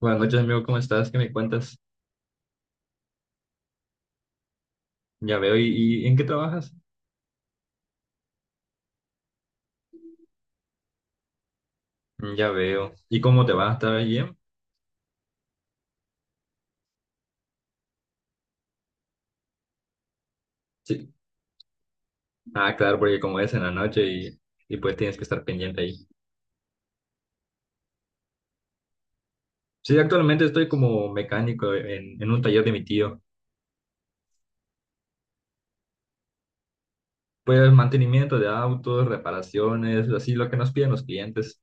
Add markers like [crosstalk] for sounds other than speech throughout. Buenas noches, amigo, ¿cómo estás? ¿Qué me cuentas? Ya veo. ¿Y en qué trabajas? Ya veo. ¿Y cómo te va? ¿Está bien? Sí. Ah, claro, porque como es en la noche y pues tienes que estar pendiente ahí. Sí, actualmente estoy como mecánico en un taller de mi tío. Pues mantenimiento de autos, reparaciones, así lo que nos piden los clientes.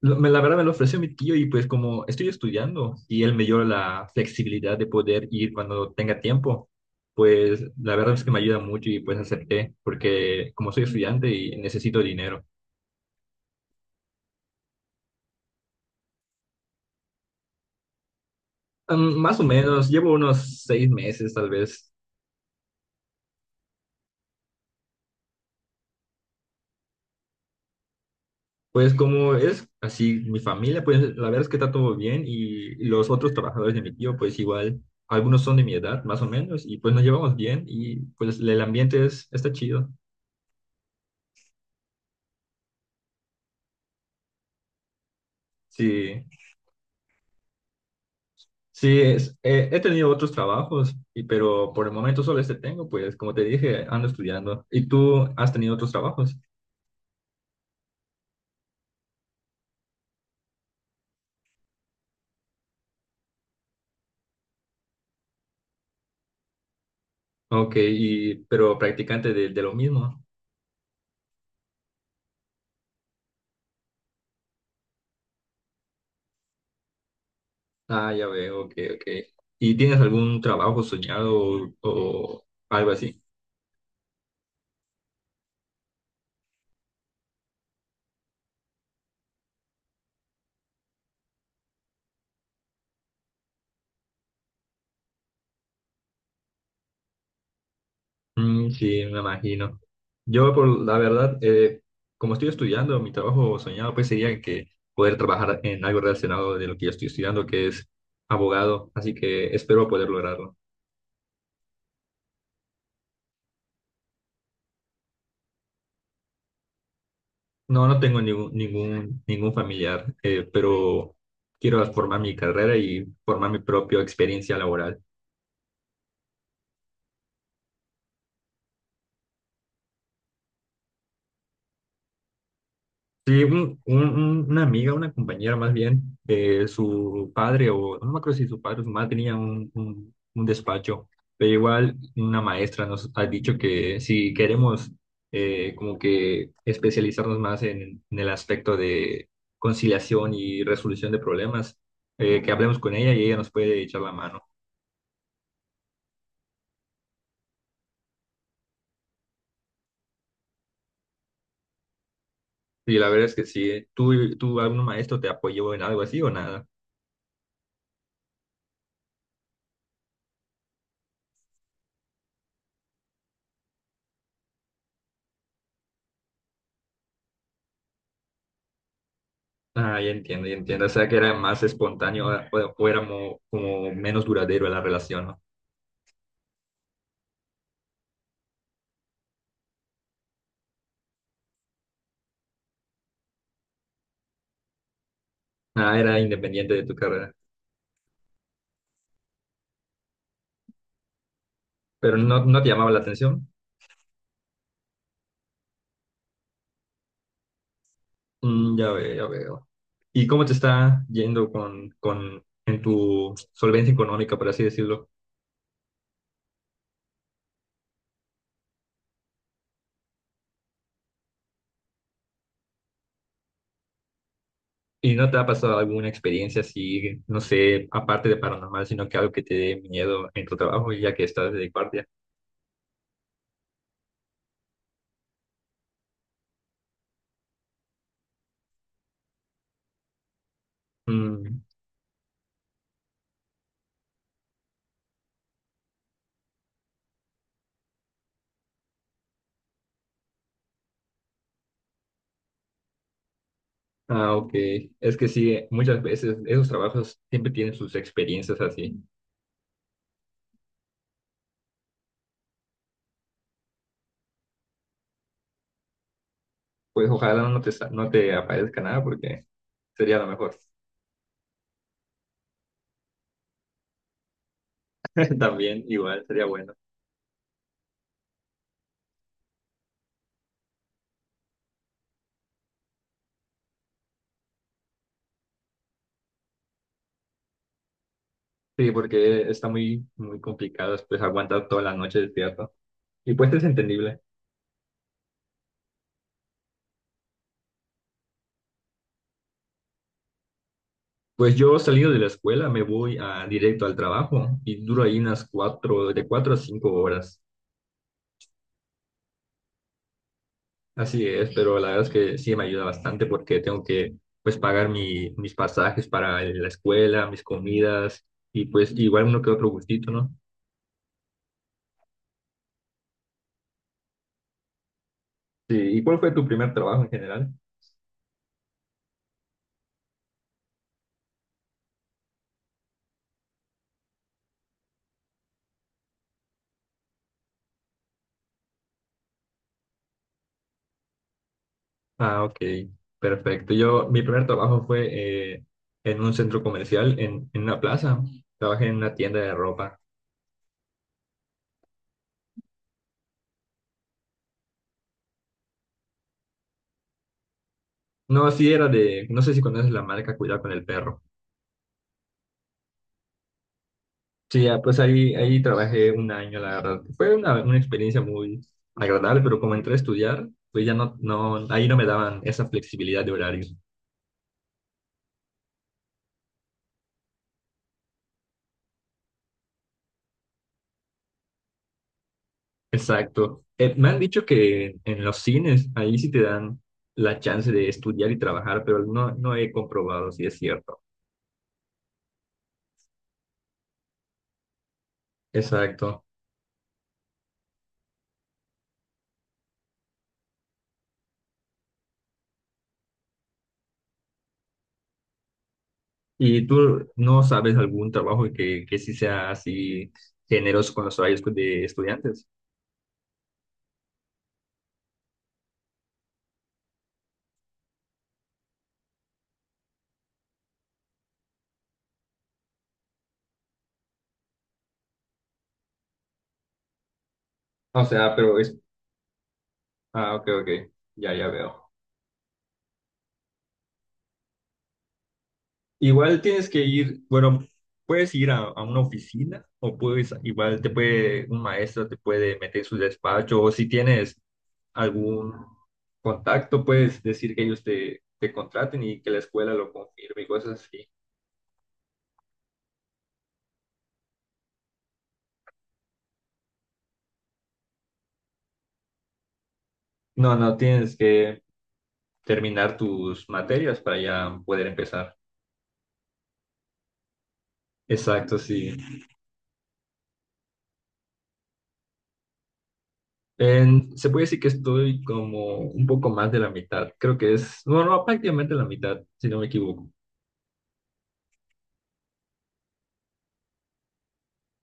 La verdad me lo ofreció mi tío y pues como estoy estudiando y él me dio la flexibilidad de poder ir cuando tenga tiempo, pues la verdad es que me ayuda mucho y pues acepté porque como soy estudiante y necesito dinero. Más o menos, llevo unos 6 meses tal vez. Pues como es así mi familia, pues la verdad es que está todo bien y los otros trabajadores de mi tío pues igual, algunos son de mi edad más o menos y pues nos llevamos bien y pues el ambiente está chido. Sí. Sí, he tenido otros trabajos, pero por el momento solo este tengo, pues como te dije, ando estudiando. ¿Y tú has tenido otros trabajos? Ok, y, pero practicante de lo mismo. Ah, ya veo, ok, ok. ¿Y tienes algún trabajo soñado o algo así? Mm, sí, me imagino. Yo, por la verdad, como estoy estudiando, mi trabajo soñado pues sería que poder trabajar en algo relacionado de lo que yo estoy estudiando, que es abogado, así que espero poder lograrlo. No, no tengo ningún familiar, pero quiero formar mi carrera y formar mi propia experiencia laboral. Sí, una amiga, una compañera más bien, su padre, o no me acuerdo si su padre o su madre tenía un despacho, pero igual una maestra nos ha dicho que si queremos como que especializarnos más en el aspecto de conciliación y resolución de problemas, que hablemos con ella y ella nos puede echar la mano. Y la verdad es que sí. ¿Tú algún maestro te apoyó en algo así o nada? Ah, ya entiendo, ya entiendo. O sea, que era más espontáneo ah, o era como menos duradero la relación, ¿no? Ah, era independiente de tu carrera. Pero no, no te llamaba la atención. Mm, ya veo, ya veo. ¿Y cómo te está yendo con en tu solvencia económica, por así decirlo? ¿Y no te ha pasado alguna experiencia así, no sé, aparte de paranormal, sino que algo que te dé miedo en tu trabajo, ya que estás de guardia? Mm. Ah, ok. Es que sí, muchas veces esos trabajos siempre tienen sus experiencias así. Pues ojalá no te aparezca nada porque sería lo mejor. [laughs] También igual sería bueno. Sí, porque está muy, muy complicado pues aguantar toda la noche despierto. Y pues es entendible. Pues yo salido de la escuela me voy a, directo al trabajo y duro ahí de 4 a 5 horas. Así es, pero la verdad es que sí me ayuda bastante porque tengo que pues pagar mis pasajes para la escuela, mis comidas y pues igual uno que otro gustito, ¿no? Sí, ¿y cuál fue tu primer trabajo en general? Ah, ok, perfecto. Yo, mi primer trabajo fue eh, en un centro comercial, en una plaza. Trabajé en una tienda de ropa. No, sí era de, no sé si conoces la marca Cuidado con el Perro. Sí, ya, pues ahí trabajé un año, la verdad. Fue una experiencia muy agradable, pero como entré a estudiar, pues ya no, no, ahí no me daban esa flexibilidad de horario. Exacto. Me han dicho que en los cines, ahí sí te dan la chance de estudiar y trabajar, pero no, no he comprobado si es cierto. Exacto. ¿Y tú no sabes algún trabajo que sí sea así generoso con los horarios de estudiantes? O sea, pero es... Ah, ok, ok. Ya, ya veo. Igual tienes que ir, bueno, puedes ir a una oficina o puedes, igual te puede, un maestro te puede meter en su despacho o si tienes algún contacto, puedes decir que ellos te contraten y que la escuela lo confirme y cosas así. No, no, tienes que terminar tus materias para ya poder empezar. Exacto, sí. En- se puede decir que estoy como un poco más de la mitad, creo que es, no, no, prácticamente la mitad, si no me equivoco.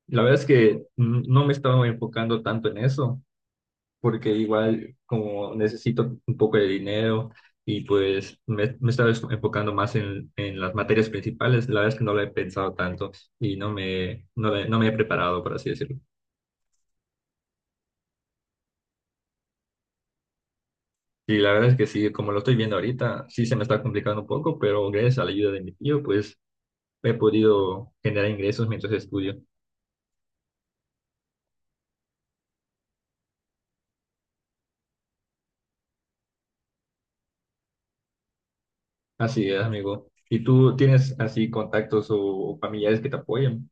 La verdad es que no me estaba enfocando tanto en eso, porque igual como necesito un poco de dinero y pues me estaba es- enfocando más en las materias principales, la verdad es que no lo he pensado tanto y no me he preparado, por así decirlo. Y la verdad es que sí, como lo estoy viendo ahorita, sí se me está complicando un poco, pero gracias a la ayuda de mi tío, pues he podido generar ingresos mientras estudio. Así es, amigo. ¿Y tú tienes así contactos o familiares que te apoyen?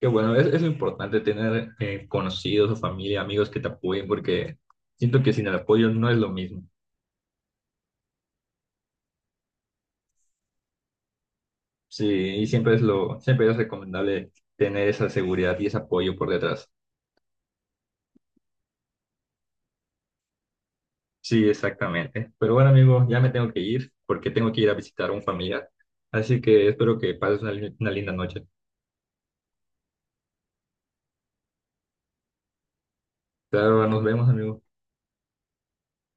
Qué bueno, es importante tener conocidos o familia, amigos que te apoyen, porque siento que sin el apoyo no es lo mismo. Sí, y siempre es lo, siempre es recomendable tener esa seguridad y ese apoyo por detrás. Sí, exactamente. Pero bueno, amigo, ya me tengo que ir porque tengo que ir a visitar a un familiar. Así que espero que pases una linda noche. Claro, nos vemos, amigo.